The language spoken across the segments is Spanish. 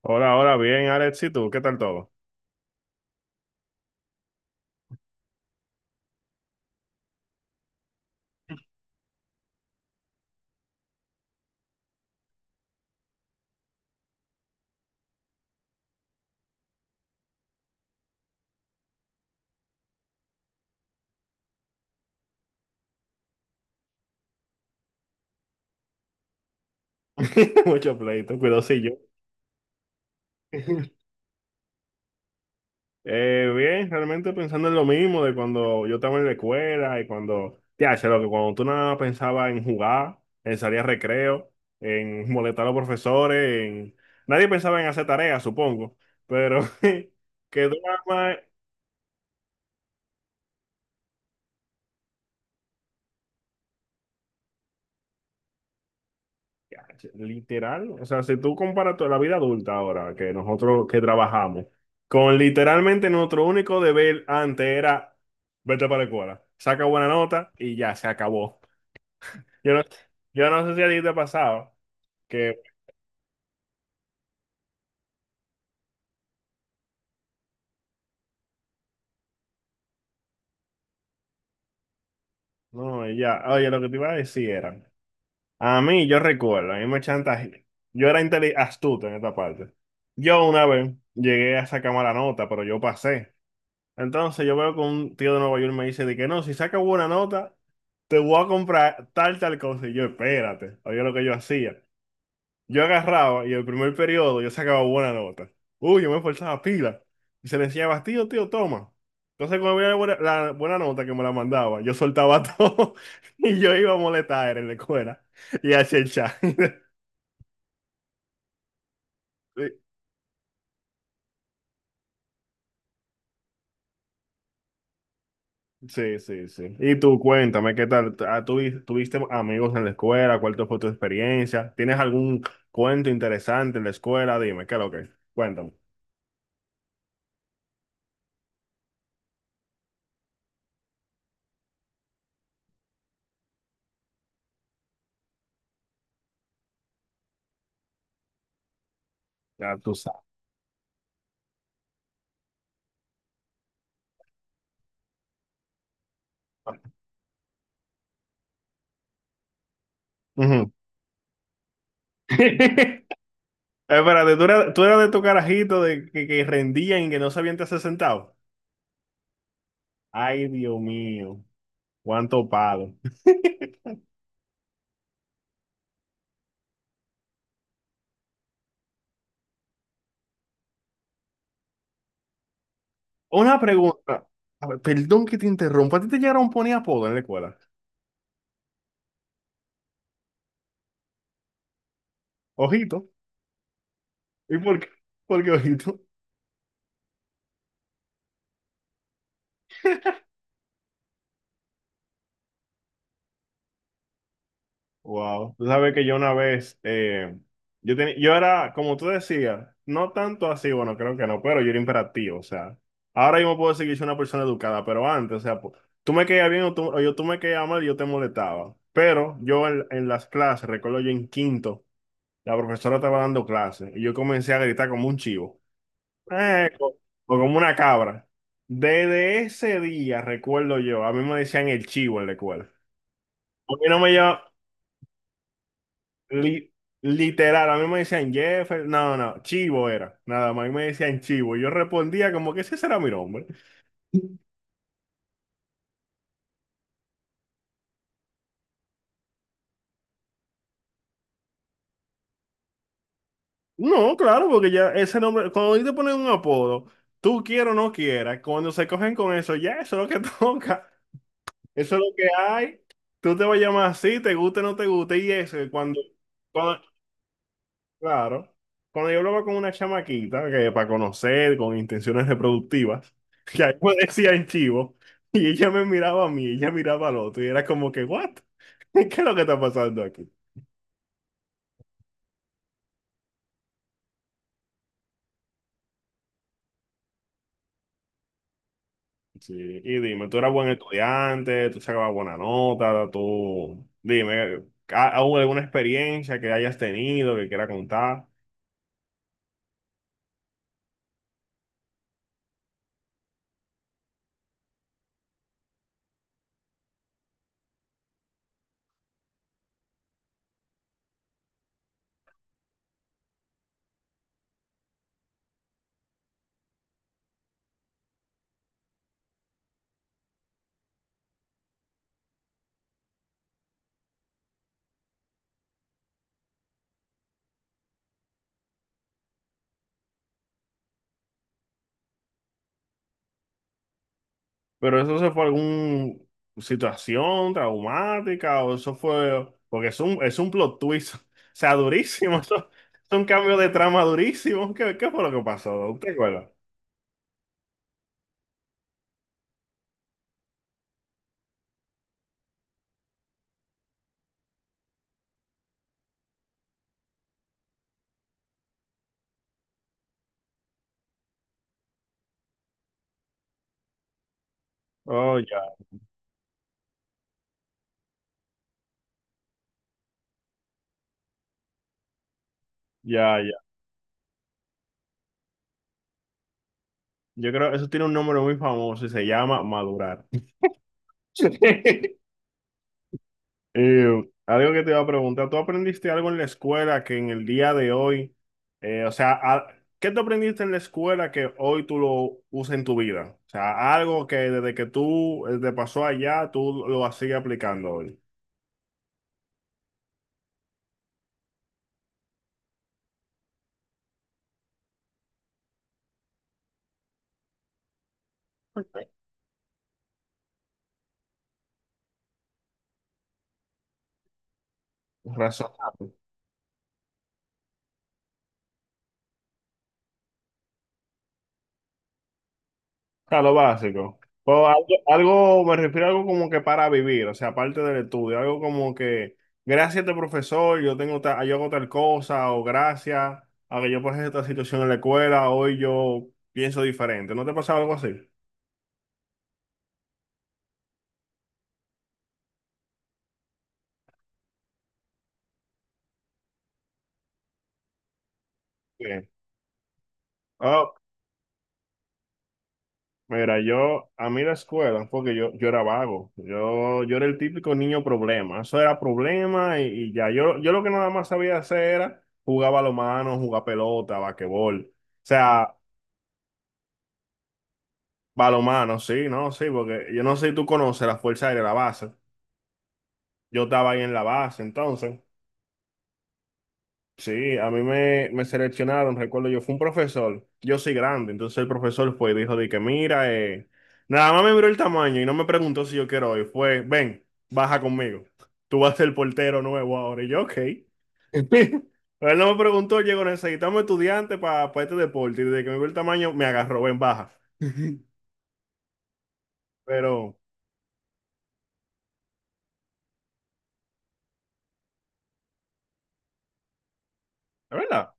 Hola, hola, bien, Alex, ¿y tú? ¿Qué tal todo? Mucho pleito, cuidosillo. Bien, realmente pensando en lo mismo de cuando yo estaba en la escuela y cuando, ya, sé lo que cuando tú nada más pensabas en jugar, en salir a recreo, en molestar a los profesores, en... nadie pensaba en hacer tareas, supongo, pero que tú nada más. Ya. Literal, o sea, si tú comparas toda la vida adulta ahora que nosotros que trabajamos, con literalmente nuestro único deber antes era vete para la escuela, saca buena nota y ya se acabó. Yo no, yo no sé si a ti te ha pasado que, no, y ya, oye, lo que te iba a decir era, a mí yo recuerdo, a mí me chantaje, yo era astuto en esta parte. Yo una vez llegué a sacar mala nota, pero yo pasé. Entonces yo veo que un tío de Nueva York me dice de que no, si sacas buena nota, te voy a comprar tal, tal cosa. Y yo, espérate, oye lo que yo hacía. Yo agarraba y el primer periodo yo sacaba buena nota. Uy, yo me esforzaba pila. Y se le decía, tío, tío, toma. Entonces cuando veía la buena nota que me la mandaba, yo soltaba todo y yo iba a molestar en la escuela y a chat. Sí, sí, sí. Y tú, cuéntame, ¿qué tal? Ah, tuviste amigos en la escuela? ¿Cuál fue tu experiencia? ¿Tienes algún cuento interesante en la escuela? Dime, ¿qué es lo que es? Cuéntame. Ya tú sabes. Ujú. Espérate, ¿tú eras de tu carajito de que rendían y que no sabían te hacer sentado? Ay, Dios mío, cuánto palo. Una pregunta. A ver, perdón que te interrumpa. ¿A ti te llegaron a poner apodo en la escuela? Ojito. ¿Y por qué? ¿Por qué ojito? Wow, tú sabes que yo una vez, tenía, yo era, como tú decías, no tanto así, bueno, creo que no, pero yo era imperativo, o sea, ahora yo me puedo decir que yo soy una persona educada, pero antes, o sea, tú me caías bien o yo, tú me caías mal y yo te molestaba, pero yo en las clases, recuerdo yo en quinto, la profesora estaba dando clases y yo comencé a gritar como un chivo, eh, o, o como una cabra. Desde ese día, recuerdo yo, a mí me decían el chivo en la escuela. A mí no me llamaban. Li- literal, a mí me decían Jefferson, no, no, Chivo era, nada más, a mí me decían Chivo, y yo respondía como que ese será mi nombre. No, claro, porque ya ese nombre, cuando a ti te ponen un apodo, tú quieras o no quieras, cuando se cogen con eso, ya eso es lo que toca, eso es lo que hay, tú te vas a llamar así, te guste o no te guste, y eso, cuando, Claro. Cuando yo hablaba con una chamaquita que para conocer, con intenciones reproductivas, que ahí me decían chivo, y ella me miraba a mí, ella miraba al otro, y era como que, ¿what? ¿Qué es lo que está pasando aquí? Sí, y dime, tú eras buen estudiante, tú sacabas buena nota, tú, dime, ¿hubo alguna experiencia que hayas tenido que quieras contar? Pero eso se fue alguna situación traumática o eso fue, porque es un plot twist, o sea, durísimo, es un cambio de trama durísimo. ¿Qué fue lo que pasó? ¿Usted recuerda? Oh, ya. Yo creo que eso tiene un nombre muy famoso y se llama madurar. Eh, algo que te iba a preguntar, ¿tú aprendiste algo en la escuela que en el día de hoy, eh, o sea, a- ¿qué tú aprendiste en la escuela que hoy tú lo usas en tu vida? O sea, algo que desde que tú te pasó allá, tú lo sigues aplicando hoy. Razón. Sea, lo básico. Pero me refiero a algo como que para vivir, o sea, aparte del estudio, algo como que, gracias a este profesor, yo tengo yo hago tal cosa, o gracias a que yo pasé esta situación en la escuela, hoy yo pienso diferente. ¿No te pasa algo así? Bien. Oh, mira, a mí la escuela, porque yo era vago, yo era el típico niño problema, eso era problema y ya, yo lo que nada más sabía hacer era jugar balonmano, jugar pelota, basquetbol. O Mm. Sea, Balomano, sí, no, sí, porque yo no sé si tú conoces la Fuerza Aérea, la base. Yo estaba ahí en la base, entonces, sí, a me seleccionaron, recuerdo yo, fue un profesor, yo soy grande, entonces el profesor fue y dijo de que mira, nada más me miró el tamaño y no me preguntó si yo quiero ir, fue, ven, baja conmigo, tú vas a ser el portero nuevo ahora, y yo, ok. Él no me preguntó, llegó, necesitamos estudiantes para este deporte, y desde que me vio el tamaño, me agarró, ven, baja. Pero, es verdad.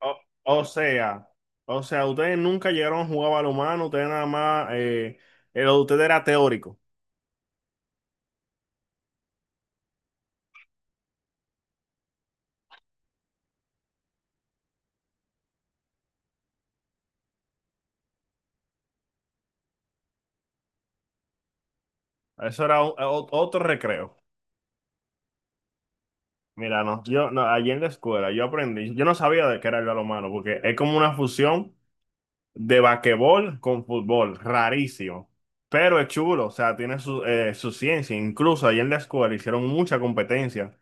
O, o sea, o sea, ustedes nunca llegaron a jugar balonmano, ustedes nada más, lo de ustedes era teórico. Eso era o- otro recreo. Mira, no, yo, no, allí en la escuela yo aprendí, yo no sabía de qué era el balonmano, porque es como una fusión de basquetbol con fútbol, rarísimo. Pero es chulo, o sea, tiene su, su ciencia. Incluso ahí en la escuela hicieron mucha competencia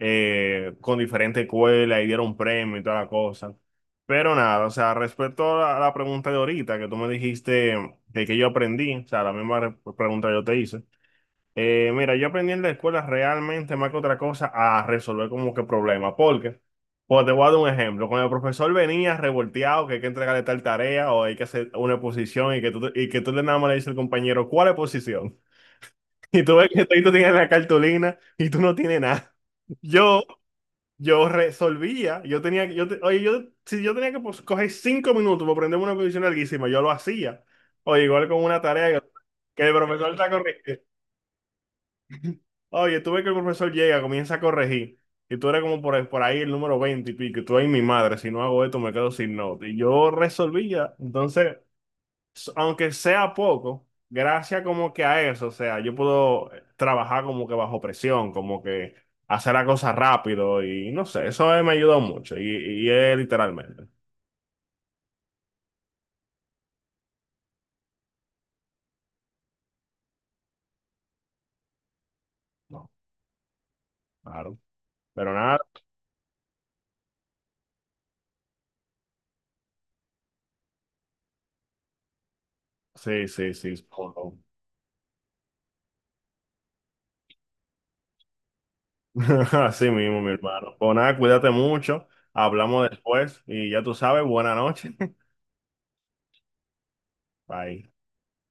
con diferentes escuelas y dieron premios y toda la cosa. Pero nada, o sea, respecto a a la pregunta de ahorita que tú me dijiste de que yo aprendí, o sea, la misma pregunta que yo te hice, mira, yo aprendí en la escuela realmente más que otra cosa a resolver como que problemas, porque, pues te voy a dar un ejemplo, cuando el profesor venía revolteado que hay que entregarle tal tarea o hay que hacer una exposición y que tú, y que tú le nada más le dices al compañero, ¿cuál exposición? Y tú ves que tú tienes la cartulina y tú no tienes nada. Yo, yo resolvía, yo tenía, oye, yo, si yo tenía que pues, coger 5 minutos para aprenderme una exposición larguísima, yo lo hacía. O igual con una tarea que el profesor está corriendo. Oye, tú ves que el profesor llega, comienza a corregir, y tú eres como por ahí el número 20 y pico, y tú ahí, mi madre, si no hago esto me quedo sin nota. Y yo resolví ya, entonces, aunque sea poco, gracias como que a eso, o sea, yo puedo trabajar como que bajo presión, como que hacer la cosa rápido, y no sé, eso me ayudó mucho, y es literalmente. No, claro. Pero nada, sí, sí, sí. Así mismo, mi hermano. Pues nada, cuídate mucho. Hablamos después y ya tú sabes, buena noche. Bye.